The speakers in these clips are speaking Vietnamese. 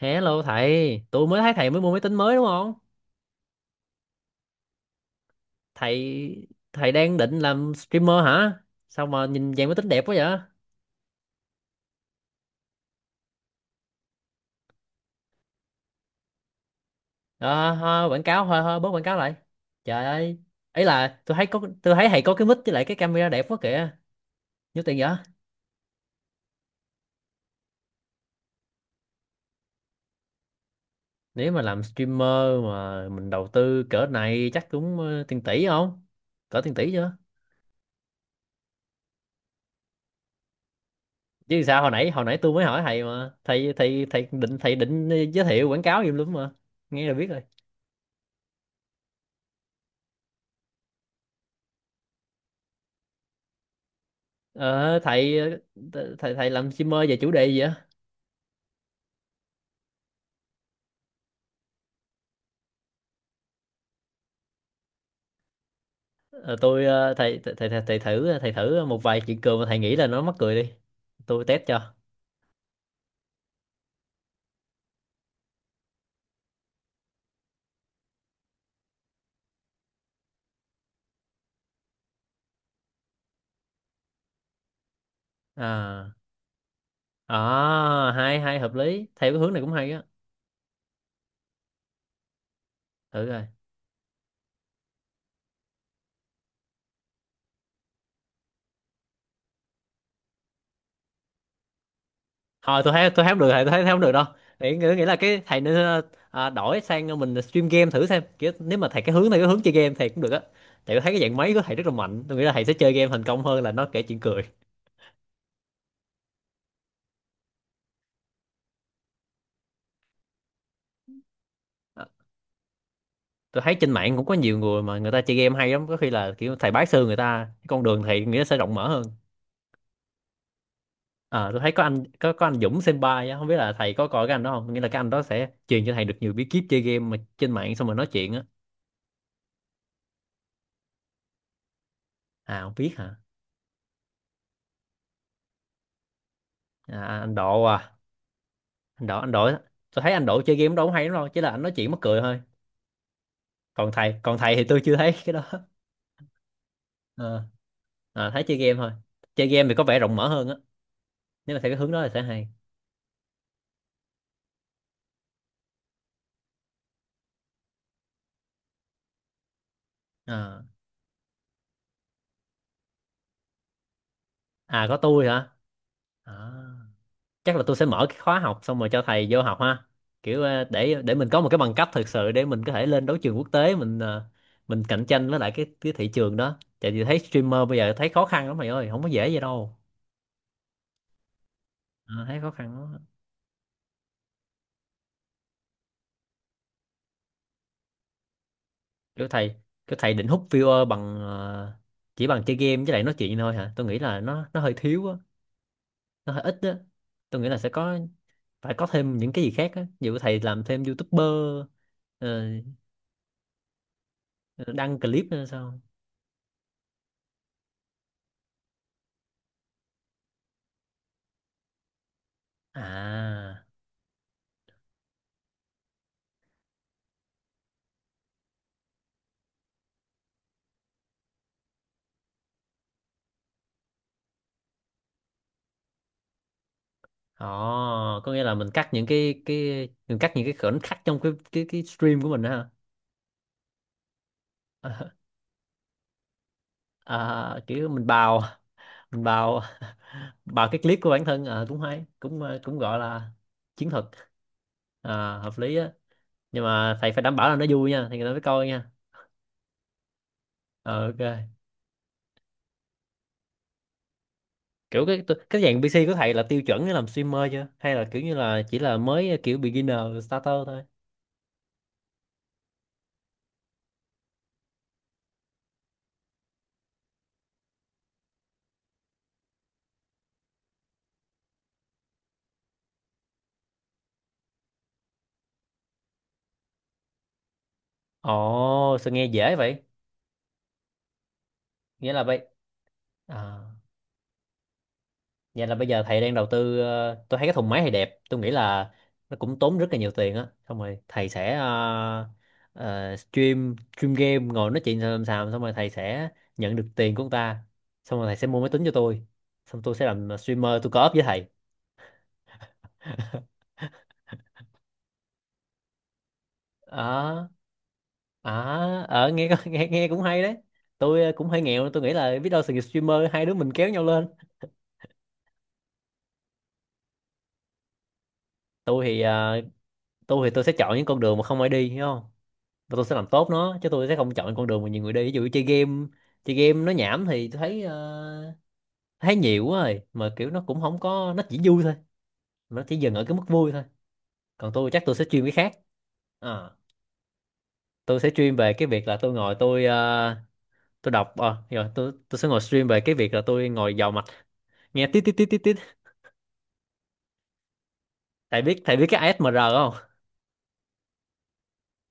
Hello thầy, tôi mới thấy thầy mới mua máy tính mới đúng không? Thầy thầy đang định làm streamer hả? Sao mà nhìn dạng máy tính đẹp quá vậy? Ờ, Thôi, quảng cáo thôi, thôi bớt quảng cáo lại. Trời ơi, ấy là tôi thấy thầy có cái mic với lại cái camera đẹp quá kìa. Nhiêu tiền vậy? Nếu mà làm streamer mà mình đầu tư cỡ này chắc cũng tiền tỷ không? Cỡ tiền tỷ chưa? Chứ sao hồi nãy tôi mới hỏi thầy mà. Thầy thầy thầy định giới thiệu quảng cáo gì luôn mà. Nghe là biết rồi. Ờ, thầy thầy thầy làm streamer về chủ đề gì á? Ờ, tôi ờ, thầy, thầy thầy thầy thử một vài chuyện cười mà thầy nghĩ là nó mắc cười đi. Tôi test cho. À, à hay hay hợp lý. Theo cái hướng này cũng hay á. Thử rồi. Thôi tôi thấy không được thầy, tôi thấy thấy không được đâu. Nghĩ nghĩ nghĩ là cái thầy nên đổi sang mình stream game thử xem. Kiểu nếu mà thầy cái hướng này cái hướng chơi game thầy cũng được á. Tại tôi thấy cái dạng máy của thầy rất là mạnh. Tôi nghĩ là thầy sẽ chơi game thành công hơn là nó kể chuyện cười. Tôi thấy trên mạng cũng có nhiều người mà người ta chơi game hay lắm, có khi là kiểu thầy bái sư người ta, cái con đường thầy nghĩa sẽ rộng mở hơn. À, tôi thấy có anh Dũng Senpai á, không biết là thầy có coi cái anh đó không, nghĩa là cái anh đó sẽ truyền cho thầy được nhiều bí kíp chơi game mà trên mạng xong rồi nói chuyện á. À không biết hả? À, anh Độ à? Anh Độ. Tôi thấy anh Độ chơi game đâu cũng hay lắm, đâu chỉ là anh nói chuyện mắc cười thôi. Còn thầy thì tôi chưa thấy cái đó. Ờ, ờ, thấy chơi game thôi, chơi game thì có vẻ rộng mở hơn á, nếu mà theo cái hướng đó thì sẽ hay. Ờ. À có tôi hả? À, chắc là tôi sẽ mở cái khóa học xong rồi cho thầy vô học ha, kiểu để mình có một cái bằng cấp thực sự để mình có thể lên đấu trường quốc tế, mình mình cạnh tranh với lại cái thị trường đó, tại vì thấy streamer bây giờ thấy khó khăn lắm mày ơi, không có dễ vậy đâu. Ờ, thấy khó khăn lắm. Kiểu thầy kiểu thầy định hút viewer bằng chỉ bằng chơi game với lại nói chuyện thôi hả? Tôi nghĩ là nó hơi thiếu á, nó hơi ít á. Tôi nghĩ là sẽ có phải có thêm những cái gì khác á, ví dụ thầy làm thêm youtuber, ờ, đăng clip nữa sao? À, ồ, có nghĩa là mình cắt những cái khoảnh khắc trong cái stream của mình đó hả? À, à, kiểu mình bào, bào cái clip của bản thân à, cũng hay cũng cũng gọi là chiến thuật. À, hợp lý á. Nhưng mà thầy phải đảm bảo là nó vui nha thì người ta mới coi nha. Ờ, ok. Kiểu cái dạng PC của thầy là tiêu chuẩn để làm streamer chưa, hay là kiểu như là chỉ là mới kiểu beginner, starter thôi? Ồ, sao nghe dễ vậy? Nghĩa là bây À, vậy là bây giờ thầy đang đầu tư, tôi thấy cái thùng máy thầy đẹp, tôi nghĩ là nó cũng tốn rất là nhiều tiền á, xong rồi thầy sẽ stream stream game ngồi nói chuyện xàm xàm, xong rồi thầy sẽ nhận được tiền của ông ta, xong rồi thầy sẽ mua máy tính cho tôi, xong tôi sẽ làm streamer tôi co-op với thầy. Ờ, à, ờ nghe nghe cũng hay đấy. Tôi cũng hơi nghèo, tôi nghĩ là biết đâu sự nghiệp streamer hai đứa mình kéo nhau lên. Tôi thì ờ, tôi thì tôi sẽ chọn những con đường mà không ai đi hiểu không. Tôi sẽ làm tốt nó, chứ tôi sẽ không chọn con đường mà nhiều người đi, ví dụ chơi game. Chơi game nó nhảm thì tôi thấy thấy nhiều quá rồi, mà kiểu nó cũng không có, nó chỉ vui thôi, nó chỉ dừng ở cái mức vui thôi. Còn tôi chắc tôi sẽ chuyên cái khác. Ờ, tôi sẽ stream về cái việc là tôi ngồi tôi ờ, tôi đọc ờ, rồi tôi sẽ ngồi stream về cái việc là tôi ngồi vào mạch, nghe tít tít tít tít tít. Thầy biết thầy biết cái ASMR không?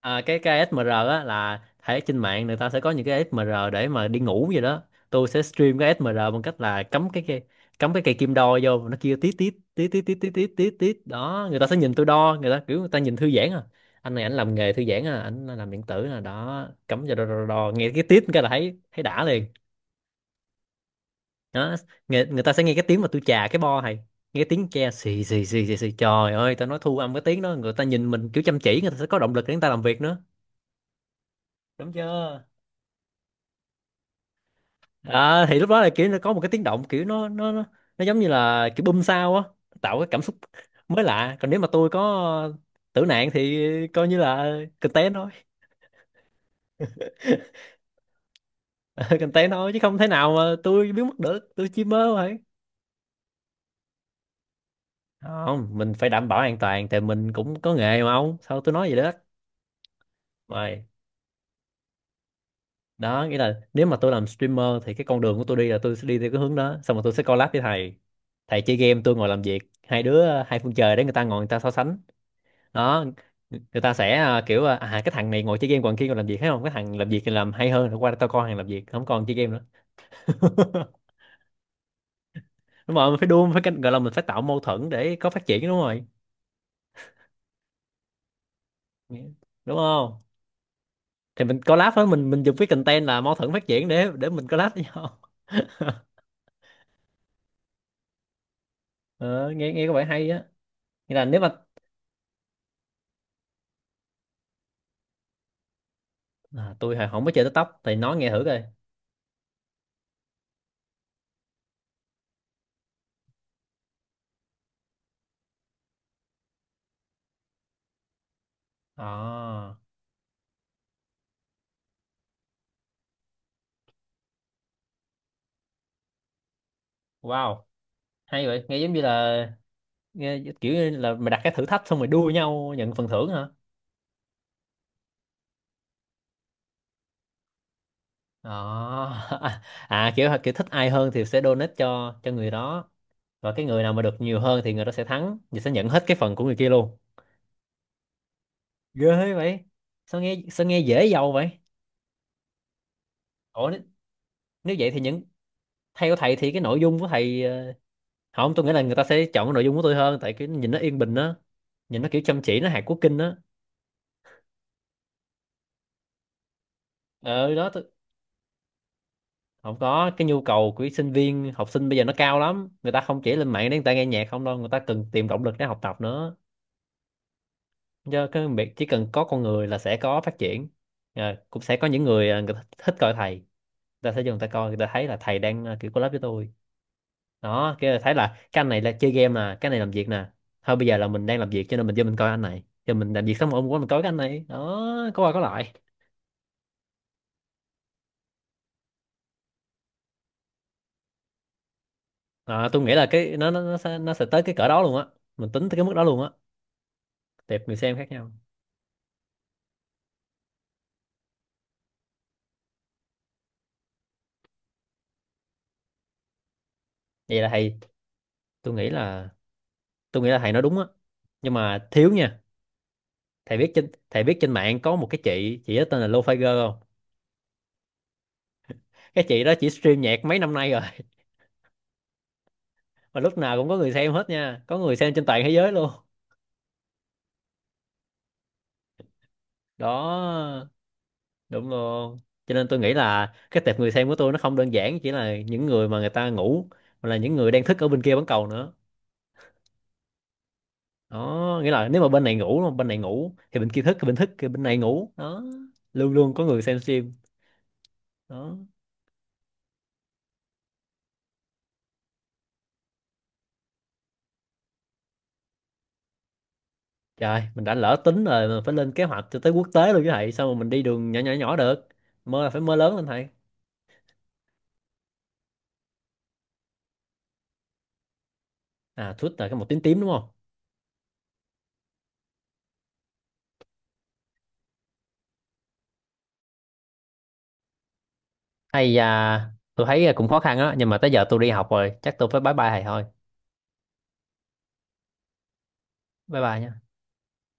À, cái ASMR á là thấy trên mạng người ta sẽ có những cái ASMR để mà đi ngủ vậy đó. Tôi sẽ stream cái ASMR bằng cách là cắm cái cây kim đo vô, nó kêu tít tít tít tít tít tít tít tít tít đó, người ta sẽ nhìn tôi đo, người ta kiểu người ta nhìn thư giãn à, anh này anh làm nghề thư giãn à, anh làm điện tử là đó, cắm vào đo, đo, đo, đo, nghe cái tít cái là thấy thấy đã liền. Đó, người ta sẽ nghe cái tiếng mà tôi chà cái bo này, nghe tiếng tre xì xì xì xì xì, trời ơi tao nói thu âm cái tiếng đó, người ta nhìn mình kiểu chăm chỉ, người ta sẽ có động lực để người ta làm việc nữa. Đúng chưa? À, thì lúc đó là kiểu nó có một cái tiếng động, kiểu nó giống như là kiểu bum sao á, tạo cái cảm xúc mới lạ. Còn nếu mà tôi có tử nạn thì coi như là content thôi. Content thôi, chứ không thể nào mà tôi biến mất được, tôi chỉ mơ thôi. Không, mình phải đảm bảo an toàn thì mình cũng có nghề mà ông, sao tôi nói vậy đó. Rồi. Đó nghĩa là nếu mà tôi làm streamer thì cái con đường của tôi đi là tôi sẽ đi theo cái hướng đó, xong rồi tôi sẽ collab với thầy. Thầy chơi game, tôi ngồi làm việc, hai đứa hai phương trời để người ta ngồi người ta so sánh. Đó, người ta sẽ cái thằng này ngồi chơi game còn kia còn làm việc, thấy không, cái thằng làm việc thì làm hay hơn, rồi qua tao coi thằng làm việc không còn chơi game nữa. Đúng rồi, mình phải đua, gọi là mình phải tạo mâu thuẫn để có phát triển, đúng rồi. Đúng không? Thì mình collab với mình dùng cái content là mâu thuẫn phát triển để mình collab với nhau. Ờ, nghe nghe có vẻ hay á. Nghĩa là nếu mà À, tôi hồi không có chơi TikTok thì nói nghe thử coi. À, wow, hay vậy, nghe giống như là, kiểu như là mày đặt cái thử thách xong rồi đua nhau nhận phần thưởng hả? Đó. À, à kiểu kiểu thích ai hơn thì sẽ donate cho người đó, và cái người nào mà được nhiều hơn thì người đó sẽ thắng và sẽ nhận hết cái phần của người kia luôn. Ghê vậy, sao nghe dễ giàu vậy? ủa nếu, nếu vậy thì theo thầy thì cái nội dung của thầy không, tôi nghĩ là người ta sẽ chọn cái nội dung của tôi hơn tại cái nhìn nó yên bình á, nhìn nó kiểu chăm chỉ, nó hạt quốc kinh á. ờ đó tôi, không có, cái nhu cầu của sinh viên học sinh bây giờ nó cao lắm, người ta không chỉ lên mạng để người ta nghe nhạc không đâu, người ta cần tìm động lực để học tập nữa, do cái việc chỉ cần có con người là sẽ có phát triển. Ờ, cũng sẽ có những người người ta thích coi thầy, người ta sẽ vô người ta coi, người ta thấy là thầy đang kiểu collab với tôi. Đó, cái là thấy là cái anh này là chơi game nè, cái này làm việc nè, thôi bây giờ là mình đang làm việc cho nên mình vô mình coi anh này, giờ mình làm việc xong rồi hôm qua mình coi cái anh này đó, có qua có lại. Ờ, tôi nghĩ là cái nó sẽ tới cái cỡ đó luôn á, mình tính tới cái mức đó luôn á. Tệp người xem khác nhau. Vậy là thầy tôi nghĩ là tôi nghĩ là thầy nói đúng á, nhưng mà thiếu nha. Thầy biết trên mạng có một cái chị đó tên là Lô Figer không? Cái chị đó chỉ stream nhạc mấy năm nay rồi, mà lúc nào cũng có người xem hết nha, có người xem trên toàn thế giới luôn. Đó, đúng luôn. Cho nên tôi nghĩ là cái tệp người xem của tôi nó không đơn giản chỉ là những người mà người ta ngủ, mà là những người đang thức ở bên kia bán cầu nữa. Đó, nghĩa là nếu mà bên này ngủ thì bên kia thức, bên thức thì bên này ngủ đó, luôn luôn có người xem stream. Đó, trời mình đã lỡ tính rồi mà, phải lên kế hoạch cho tới quốc tế luôn chứ thầy, sao mà mình đi đường nhỏ nhỏ nhỏ được. Mơ là phải mơ lớn lên thầy. À Twitter cái màu tím tím đúng không? Hay à, tôi thấy à, cũng khó khăn á, nhưng mà tới giờ tôi đi học rồi, chắc tôi phải bye bye thầy thôi. Bye bye nhé.